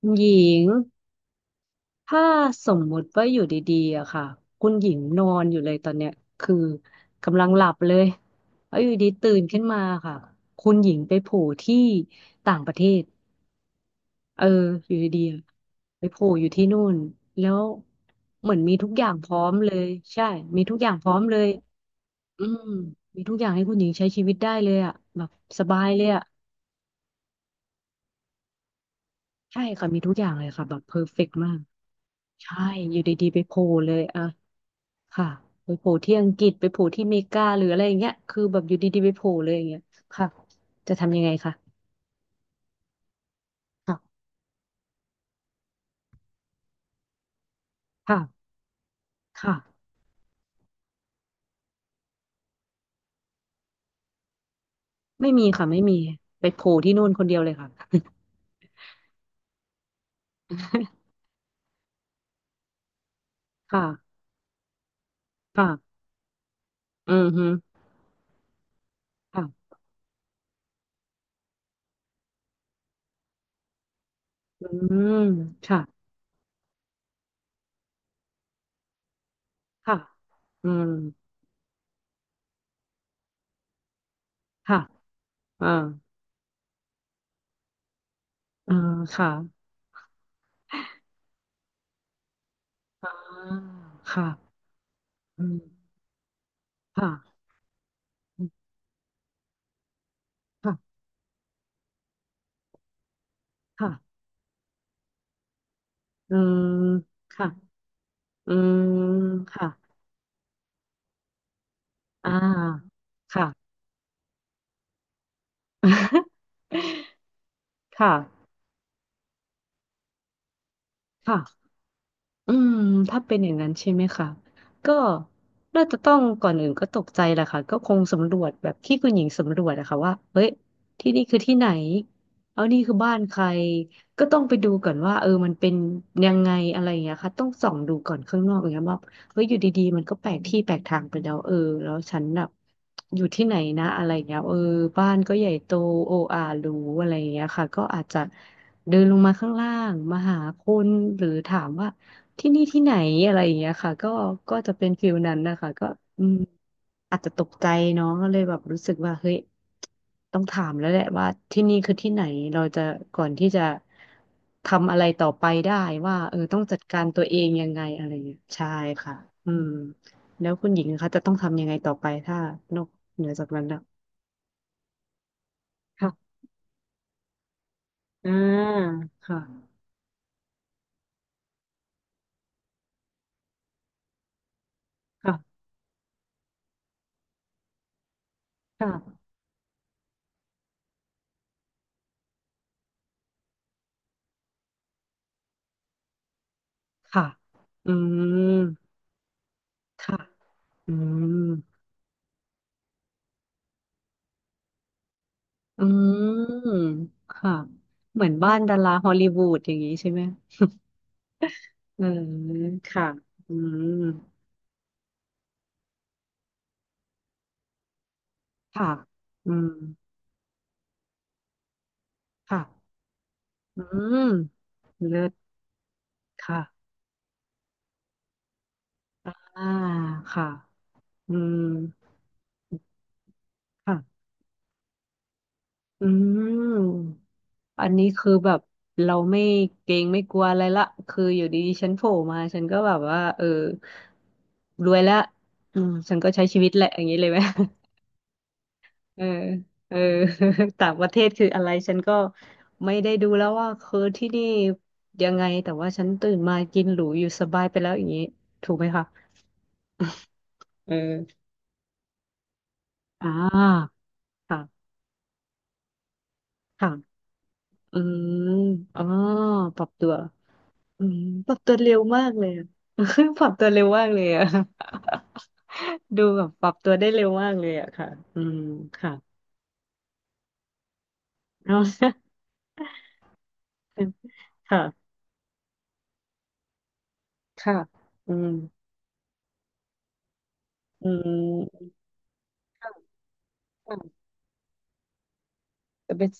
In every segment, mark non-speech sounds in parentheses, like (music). คุณหญิงถ้าสมมุติว่าอยู่ดีๆอะค่ะคุณหญิงนอนอยู่เลยตอนเนี้ยคือกำลังหลับเลยแล้วอยู่ดีตื่นขึ้นมาค่ะคุณหญิงไปโผล่ที่ต่างประเทศเอออยู่ดีๆอะไปโผล่อยู่ที่นู่นแล้วเหมือนมีทุกอย่างพร้อมเลยใช่มีทุกอย่างพร้อมเลยอืมมีทุกอย่างให้คุณหญิงใช้ชีวิตได้เลยอะแบบสบายเลยอะใช่ค่ะมีทุกอย่างเลยค่ะแบบเพอร์เฟกต์มากใช่อยู่ดีๆไปโผล่เลยอะ ค่ะไปโผล่ที่อังกฤษไปโผล่ที่เมกาหรืออะไรอย่างเงี้ยคือแบบอยู่ดีๆไปโผล่เลยอย่างเงี้ยค่ะจะทำยังไงคะค่ะค่ะค่ะไม่มีค่ะไม่มีไปโผล่ที่นู่นคนเดียวเลยค่ะ (laughs) ค่ะค่ะอืมฮึค่ะอืมค่ะค่ะอืมค่ะอ่าอ่าค่ะอ่าค่ะอืมค่ะค่ะค่ะอืมค่ะอืมค่ะอ่าค่ะ (laughs) ค่ะค่ะ อืมถ้าเป็นอย่างนั้นใช่ไหมคะก็น่าจะต้องก่อนอื่นก็ตกใจแหละค่ะก็คงสำรวจแบบที่คุณหญิงสำรวจอะค่ะว่าเฮ้ยที่นี่คือที่ไหนเอานี่คือบ้านใครต้องไปดูก่อนว่ามันเป็นยังไงอะไรอย่างเงี้ยค่ะต้องส่องดูก่อนข้างนอกอย่างเงี้ยว่าเฮ้ยอยู่ดีๆมันก็แปลกที่แปลกทางไปแล้วแล้วฉันแบบอยู่ที่ไหนนะอะไรอย่างเงี้ยบ้านก็ใหญ่โตโออาหรูอะไรอย่างเงี้ยค่ะก็อาจจะเดินลงมาข้างล่างมาหาคนหรือถามว่า ที่นี่ที่ไหนอะไรอย่างเงี้ยค่ะก็ก็จะเป็นฟิลนั้นนะคะก็อืมอาจจะตกใจเนาะก็เลยแบบรู้สึกว่าเฮ้ยต้องถามแล้วแหละว่าที่นี่คือที่ไหนเราจะก่อนที่จะทำอะไรต่อไปได้ว่าต้องจัดการตัวเองยังไงอะไรอย่างเงี้ยใช่ค่ะอืมแล้วคุณหญิงนะคะจะต้องทำยังไงต่อไปถ้านอกเหนือจากนั้นนะค่ะอ่าค่ะค่ะค่ะค่ะอืมค่ะอืม อืมค่ะเหมือนบ้านดาราฮอลลีวูดอย่างนี้ใช่ไหมเออค่ะอืมค่ะอืมค่ะอืมเลิศค่ะอ่าค่ะอืมค่ะอืมอันนี้คือแบบเราไม่เกรงไม่กลัวอะไรละคืออยู่ดีๆฉันโผล่มาฉันก็แบบว่ารวยแล้วอืมฉันก็ใช้ชีวิตแหละอย่างนี้เลยไหม เออเออ (laughs) ต่างประเทศคืออะไรฉันก็ไม่ได้ดูแล้วว่าคือที่นี่ยังไงแต่ว่าฉันตื่นมากินหรูอยู่สบายไปแล้วอย่างนี้ถูกไหมคะเอออ่าค่ะค่ะอืมอ๋อปรับตัวอืมปรับตัวเร็วมากเลยอะ (laughs) ปรับตัวเร็วมากเลยอะ (laughs) ดูแบบปรับตัวได้เร็วมากเลยอะค่ะอืมค่ะ (laughs) เอาค่ะค่ะอืมอืมค่ะค่ะแต่เป็น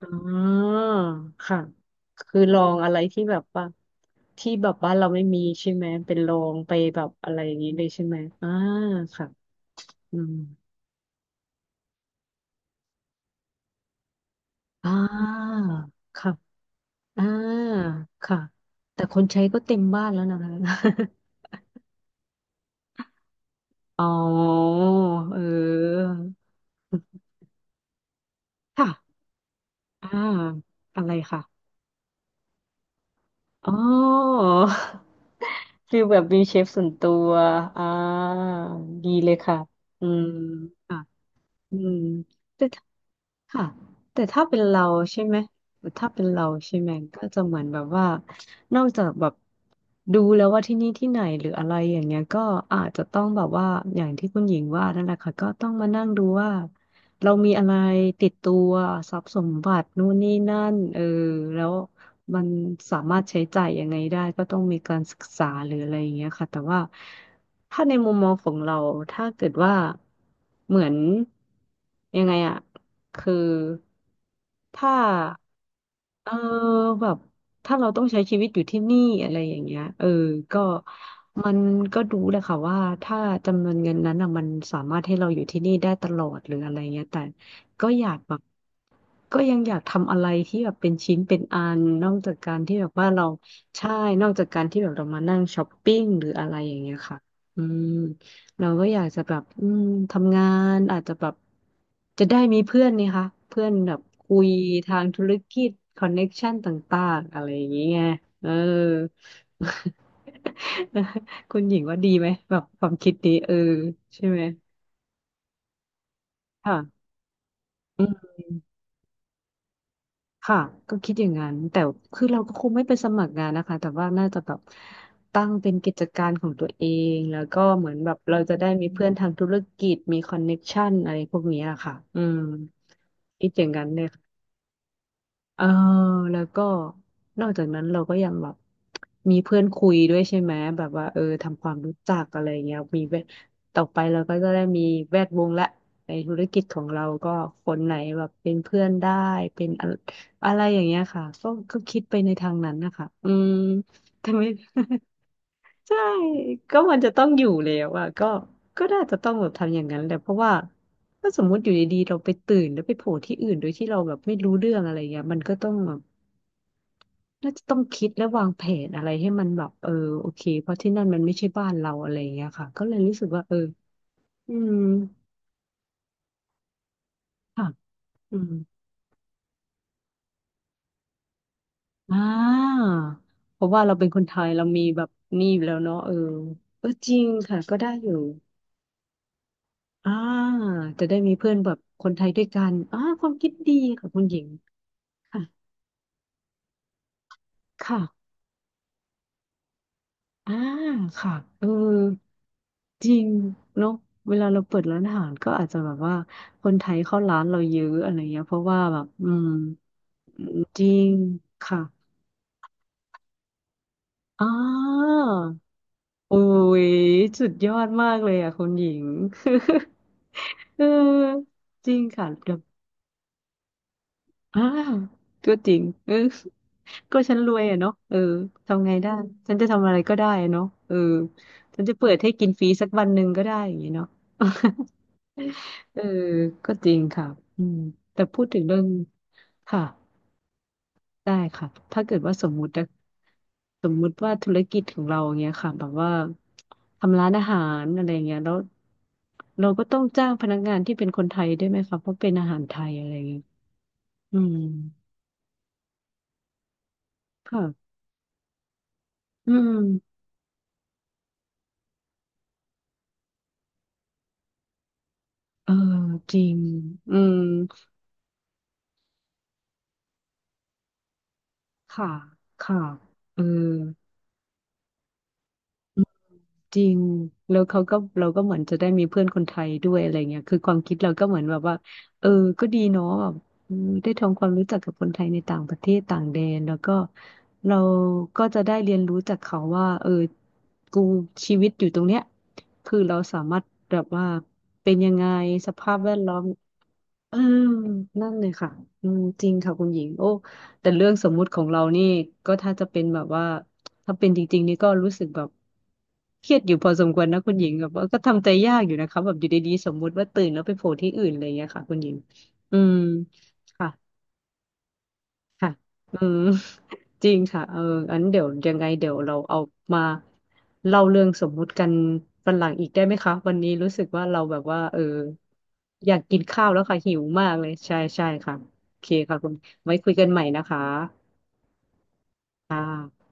อ๋อค่ะคือลองอะไรที่แบบว่าที่แบบบ้านเราไม่มีใช่ไหมเป็นลองไปแบบอะไรอย่างนี้เลยใช่ไหมอ่าค่ะอืมอ่าค่ะอ่าค่ะแต่คนใช้ก็เต็มบ้านแล้วนะคะ (laughs) อ๋อเออค่ะอ่าอะไรค่ะอ๋อ (laughs) คือแบบมีเชฟส่วนตัวอ่าดีเลยค่ะอืม อืมแต่เธ ค่ะแต่ถ้าเป็นเราใช่ไหมแต่ถ้าเป็นเราใช่ไหมก็จะเหมือนแบบว่านอกจากแบบดูแล้วว่าที่นี่ที่ไหนหรืออะไรอย่างเงี้ยก็อาจจะต้องแบบว่าอย่างที่คุณหญิงว่านั่นแหละค่ะก็ต้องมานั่งดูว่าเรามีอะไรติดตัวทรัพย์สมบัตินู่นนี่นั่นแล้วมันสามารถใช้จ่ายยังไงได้ก็ต้องมีการศึกษาหรืออะไรอย่างเงี้ยค่ะแต่ว่าถ้าในมุมมองของเราถ้าเกิดว่าเหมือนยังไงอะ คือถ้าเออแบบถ้าเราต้องใช้ชีวิตอยู่ที่นี่อะไรอย่างเงี้ยก็มันดู้แหละค่ะว่าถ้าจำนวนเงินนั้นอ่ะมันสามารถให้เราอยู่ที่นี่ได้ตลอดหรืออะไรเงี้ยแต่ก็อยากแบบก็ยังอยากทำอะไรที่แบบเป็นชิ้นเป็นอันนอกจากการที่แบบว่าเราใช่นอกจากการที่แบบเรามานั่งช้อปปิ้งหรืออะไรอย่างเงี้ยค่ะอืม เราก็อยากจะแบบอืมทำงานอาจจะแบบจะได้มีเพื่อนนี่คะเพื่อนแบบคุยทางธุรกิจคอนเน็กชันต่างๆอะไรอย่างเงี้ยเออ (laughs) คุณหญิงว่าดีไหมแบบความคิดนี้ใช่ไหมค่ะอืม ค่ะก็คิดอย่างนั้นแต่คือเราก็คงไม่ไปสมัครงานนะคะแต่ว่าน่าจะแบบตั้งเป็นกิจการของตัวเองแล้วก็เหมือนแบบเราจะได้มีเพื่อนทางธุรกิจมีคอนเน็กชันอะไรพวกเนี้ยค่ะอืมคิดอย่างนั้นเลย เออแล้วก็นอกจากนั้นเราก็ยังแบบมีเพื่อนคุยด้วยใช่ไหมแบบว่าทำความรู้จักอะไรเงี้ยมีแวดต่อไปเราก็จะได้มีแวดวงละในธุรกิจของเราก็คนไหนแบบเป็นเพื่อนได้เป็นอะอะไรอย่างเงี้ยค่ะก็คิดไปในทางนั้นนะคะอืม (laughs) ทำไมใช่ก็มันจะต้องอยู่แล้วอ่ะก็น่าจะต้องแบบทำอย่างนั้นแหละเพราะว่าถ้าสมมติอยู่ดีๆเราไปตื่นแล้วไปโผล่ที่อื่นโดยที่เราแบบไม่รู้เรื่องอะไรเงี้ยมันก็ต้องแบบ น่าจะต้องคิดและวางแผนอะไรให้มันแบบโอเคเพราะที่นั่นมันไม่ใช่บ้านเราอะไรอย่างเงี้ยค่ะก็เลยรู้สึกว่าเอออืมค่ะอืมอ่าเพราะว่าเราเป็นคนไทยเรามีแบบนี่อยู่แล้วเนาะเออเออจริงค่ะก็ได้อยู่อ่าจะได้มีเพื่อนแบบคนไทยด้วยกันอ่าความคิดดีค่ะคุณหญิงค่ะค่ะอ่าค่ะเออ จริงเนาะเวลาเราเปิดร้านอาหารก็อาจจะแบบว่าคนไทยเข้าร้านเราเยอะอะไรเงี้ยเพราะว่าแบบอืมจริงค่ะอ่าโอ้ยสุดยอดมากเลยอ่ะคุณหญิง (laughs) เออจริงค่ะเดี๋ยวอ่าก็จริงเออก็ฉันรวยอะเนาะเออทำไงได้ฉันจะทำอะไรก็ได้อะเนาะเออฉันจะเปิดให้กินฟรีสักวันหนึ่งก็ได้อย่างงี้เนาะเออก็จริงค่ะอืมแต่พูดถึงเรื่องค่ะ ได้ค่ะถ้าเกิดว่าสมมุตินะสมมุติว่าธุรกิจของเราอย่างเงี้ยค่ะแบบว่าทำร้านอาหารอะไรเงี้ยแล้วเราก็ต้องจ้างพนักงานที่เป็นคนไทยด้วยไหมคะเพราะเป็นอาหารไทยอะไรเงี้ยอืมค่ะอืมเออจริงอืมค่ะค่ะเออ จริงแล้วเขาก็เราก็เหมือนจะได้มีเพื่อนคนไทยด้วยอะไรเงี้ยคือความคิดเราก็เหมือนแบบว่าเออก็ดีเนาะแบบอืมได้ทำความรู้จักกับคนไทยในต่างประเทศต่างแดนแล้วก็เราก็จะได้เรียนรู้จากเขาว่ากูชีวิตอยู่ตรงเนี้ยคือเราสามารถแบบว่าเป็นยังไงสภาพแวดล้อม อานั่นเลยค่ะอืมจริงค่ะคุณหญิงโอ้แต่เรื่องสมมุติของเรานี่ก็ถ้าจะเป็นแบบว่าถ้าเป็นจริงๆนี่ก็รู้สึกแบบเครียดอยู่พอสมควรนะคุณหญิงแบบว่าก็ทำใจยากอยู่นะคะแบบอยู่ดีๆสมมุติว่าตื่นแล้วไปโผล่ที่อื่นอะไรอย่างเงี้ยค่ะคุณหญิงอืมค่ะ ค่ะอืม (laughs) จริงค่ะอันเดี๋ยวยังไงเดี๋ยวเราเอามาเล่าเรื่องสมมุติกันวันหลังอีกได้ไหมคะวันนี้รู้สึกว่าเราแบบว่าอยากกินข้าวแล้วค่ะหิวมากเลยใช่ค่ะโอเคค่ะคุณไว้คุยกันใหม่นะคะค่ะ